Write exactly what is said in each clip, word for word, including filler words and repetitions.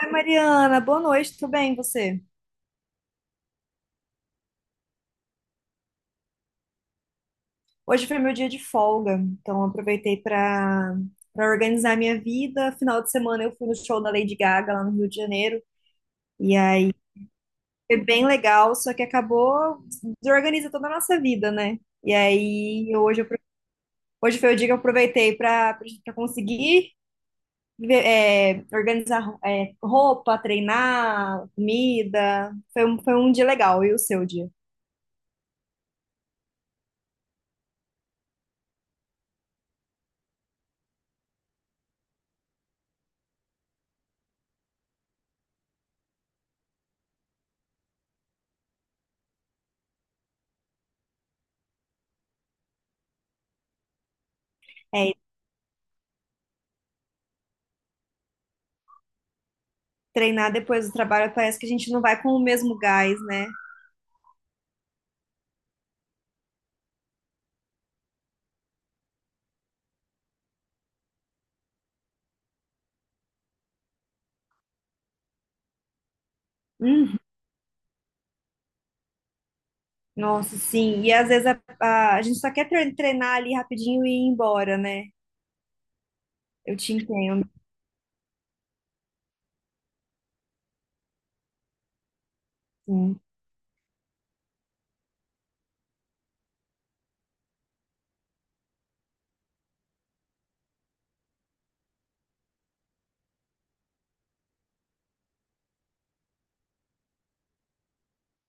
Oi, Mariana, boa noite, tudo bem, e você? Hoje foi meu dia de folga, então eu aproveitei para para organizar minha vida. Final de semana eu fui no show da Lady Gaga lá no Rio de Janeiro, e aí foi bem legal, só que acabou desorganiza toda a nossa vida, né? E aí hoje, eu apro- hoje foi o dia que eu aproveitei para conseguir ver- é, organizar é, roupa, treinar, comida. Foi um, foi um dia legal, e o seu dia? Treinar depois do trabalho, parece que a gente não vai com o mesmo gás, né? Uhum. Nossa, sim. E às vezes a, a, a gente só quer tre- treinar ali rapidinho e ir embora, né? Eu te entendo, sim.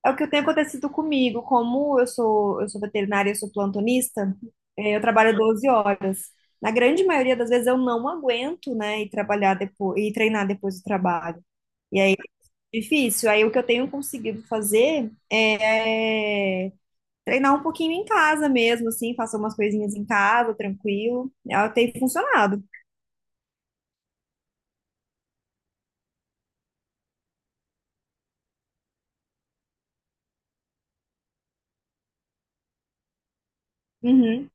É o que tem acontecido comigo. Como eu sou, eu sou veterinária, eu sou plantonista, eh, eu trabalho doze horas. Na grande maioria das vezes eu não aguento, né, e trabalhar depois e treinar depois do trabalho. E aí é difícil. Aí o que eu tenho conseguido fazer é treinar um pouquinho em casa mesmo, assim, fazer umas coisinhas em casa, tranquilo. Ela tem funcionado. Uhum.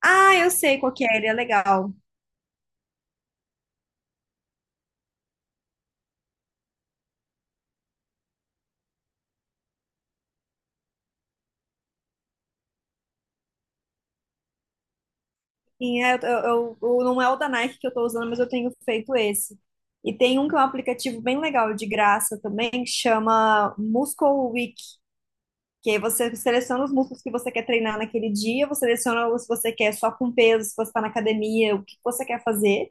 Ah, eu sei qual que é, ele é legal. Sim, é, eu, eu- eu- não é o da Nike que eu tô usando, mas eu tenho feito esse. E tem um que é um aplicativo bem legal, de graça também, que chama Muscle Week, que aí você seleciona os músculos que você quer treinar naquele dia, você seleciona os- se você quer só com peso, se você tá na academia, o que você quer fazer,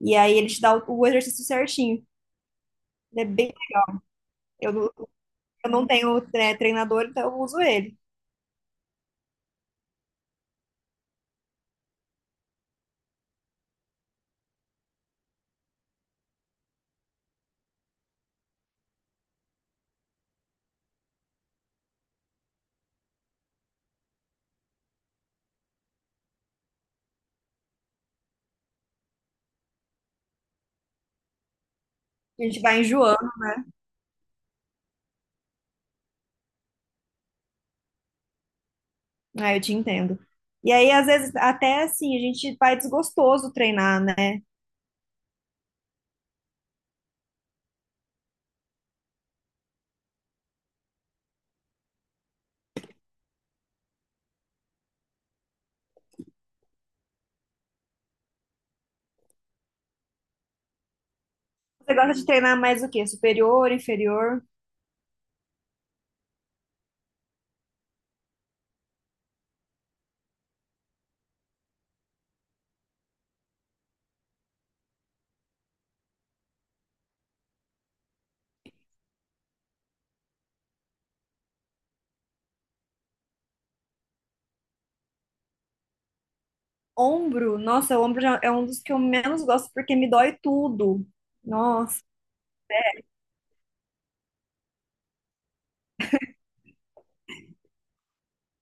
e aí ele te dá o, o exercício certinho. É bem, eu, eu não tenho, né, treinador, então eu uso ele. A gente vai enjoando, né? Eu te entendo. E aí, às vezes, até assim, a gente vai desgostoso treinar, né? Você gosta de treinar mais o quê? Superior, inferior? Ombro? Nossa, o ombro já é um dos que eu menos gosto porque me dói tudo. Nossa,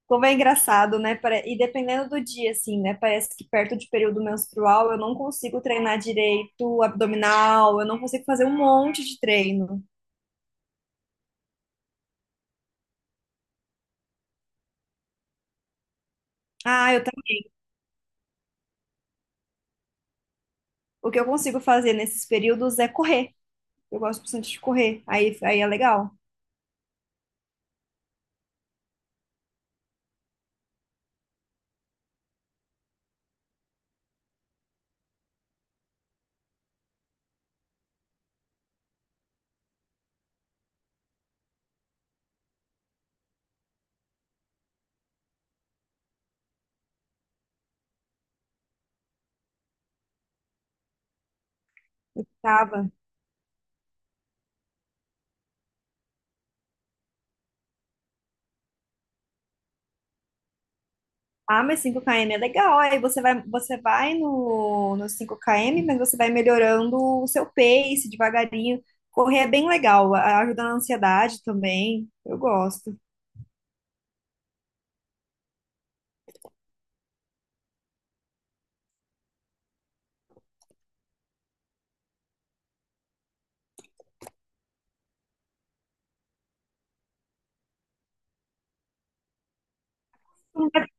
como é engraçado, né? Pare- E dependendo do dia, assim, né? Parece que perto de período menstrual eu não consigo treinar direito abdominal, eu não consigo fazer um monte de treino. Ah, eu tam- o que eu consigo fazer nesses períodos é correr. Eu gosto bastante de correr. Aí, aí é legal. Tava. Ah, mas cinco quilômetros é legal. Aí você vai, você vai no, no cinco quilômetros, mas você vai melhorando o seu pace devagarinho. Correr é bem legal. a- Ajuda na ansiedade também. Eu gosto.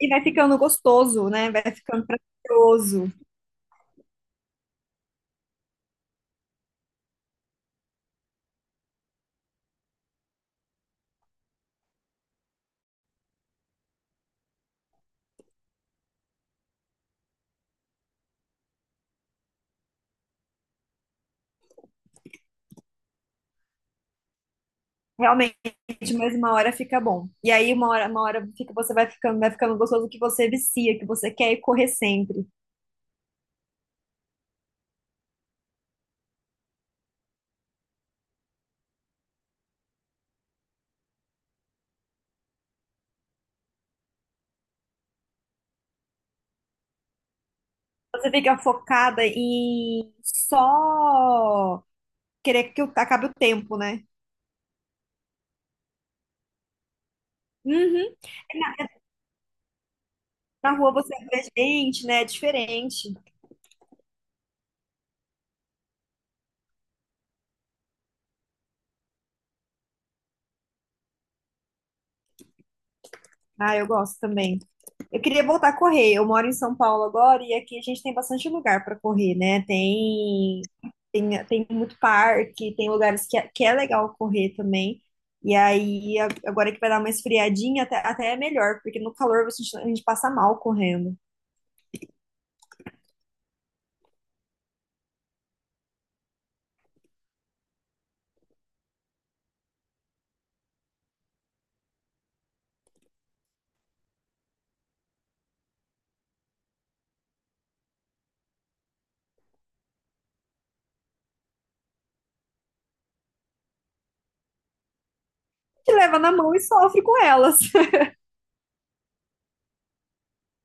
E vai ficando gostoso, né? Vai ficando prazeroso. Realmente, mas uma hora fica bom. E aí uma hora, uma hora fica, você vai ficando, vai ficando gostoso que você vicia, que você quer ir correr sempre. Você fica focada em só querer que o- acabe o tempo, né? Uhum. Na na rua você vê gente, né? É diferente. Ah, eu gosto também. Eu queria voltar a correr. Eu moro em São Paulo agora e aqui a gente tem bastante lugar para correr, né? Tem, tem, tem muito parque, tem lugares que é, que é legal correr também. E aí, a- agora que vai dar uma esfriadinha, até, até é melhor, porque no calor você, a gente passa mal correndo. Te leva na mão e sofre com elas.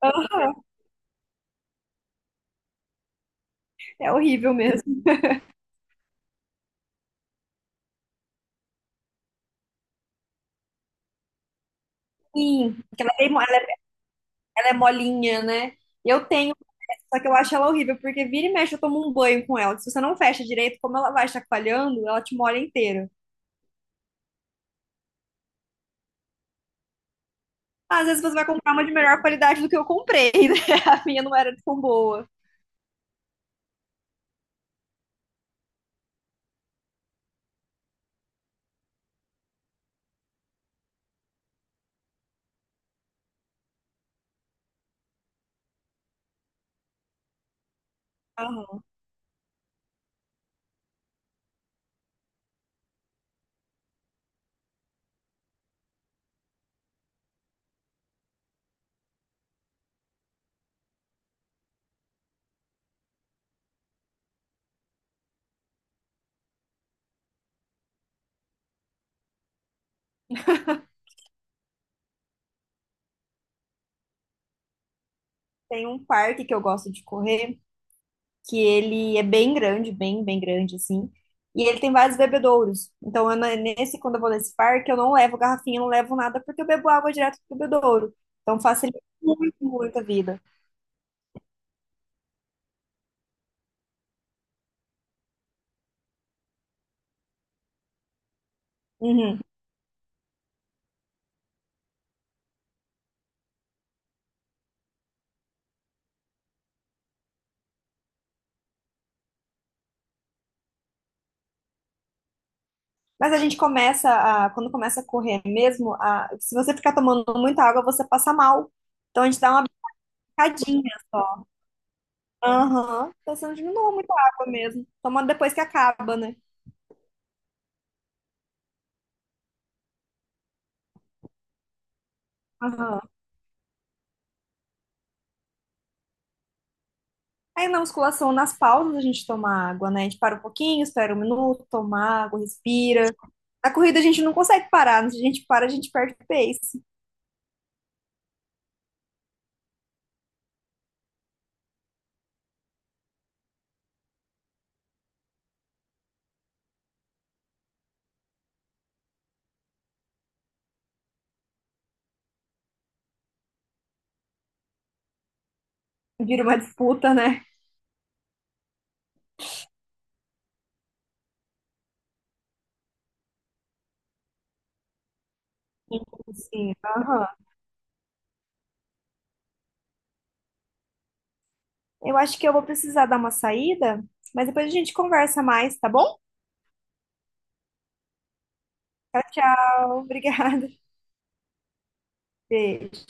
É horrível mesmo. Sim, porque ela é, bem mo- ela é- ela é molinha, né? Eu tenho, só que eu acho ela horrível, porque vira e mexe eu tomo um banho com ela. Se você não fecha direito, como ela vai chacoalhando, ela te molha inteira. Às vezes você vai comprar uma de melhor qualidade do que eu comprei, né? A minha não era tão boa. Aham. Tem um parque que eu gosto de correr, que ele é bem grande, bem, bem grande, assim. E ele tem vários bebedouros. Então, eu, na- nesse, quando eu vou nesse parque, eu não levo garrafinha, eu não levo nada, porque eu bebo água direto do bebedouro. Então, facilita muito, muito a vida. Uhum. Mas a gente começa a, quando começa a correr mesmo, a, se você ficar tomando muita água, você passa mal. Então, a gente dá uma brincadinha. Aham. Então, você não toma muita água mesmo. Toma depois que acaba, né? Aham. Aí na musculação, nas pausas, a gente toma água, né? A gente para um pouquinho, espera um minuto, toma água, respira. Na corrida a gente não consegue parar, né? Se a gente para, a gente perde o pace. Vira uma disputa, né? Sim, aham. Eu acho que eu vou precisar dar uma saída, mas depois a gente conversa mais, tá bom? Tchau, tchau. Obrigada. Beijo.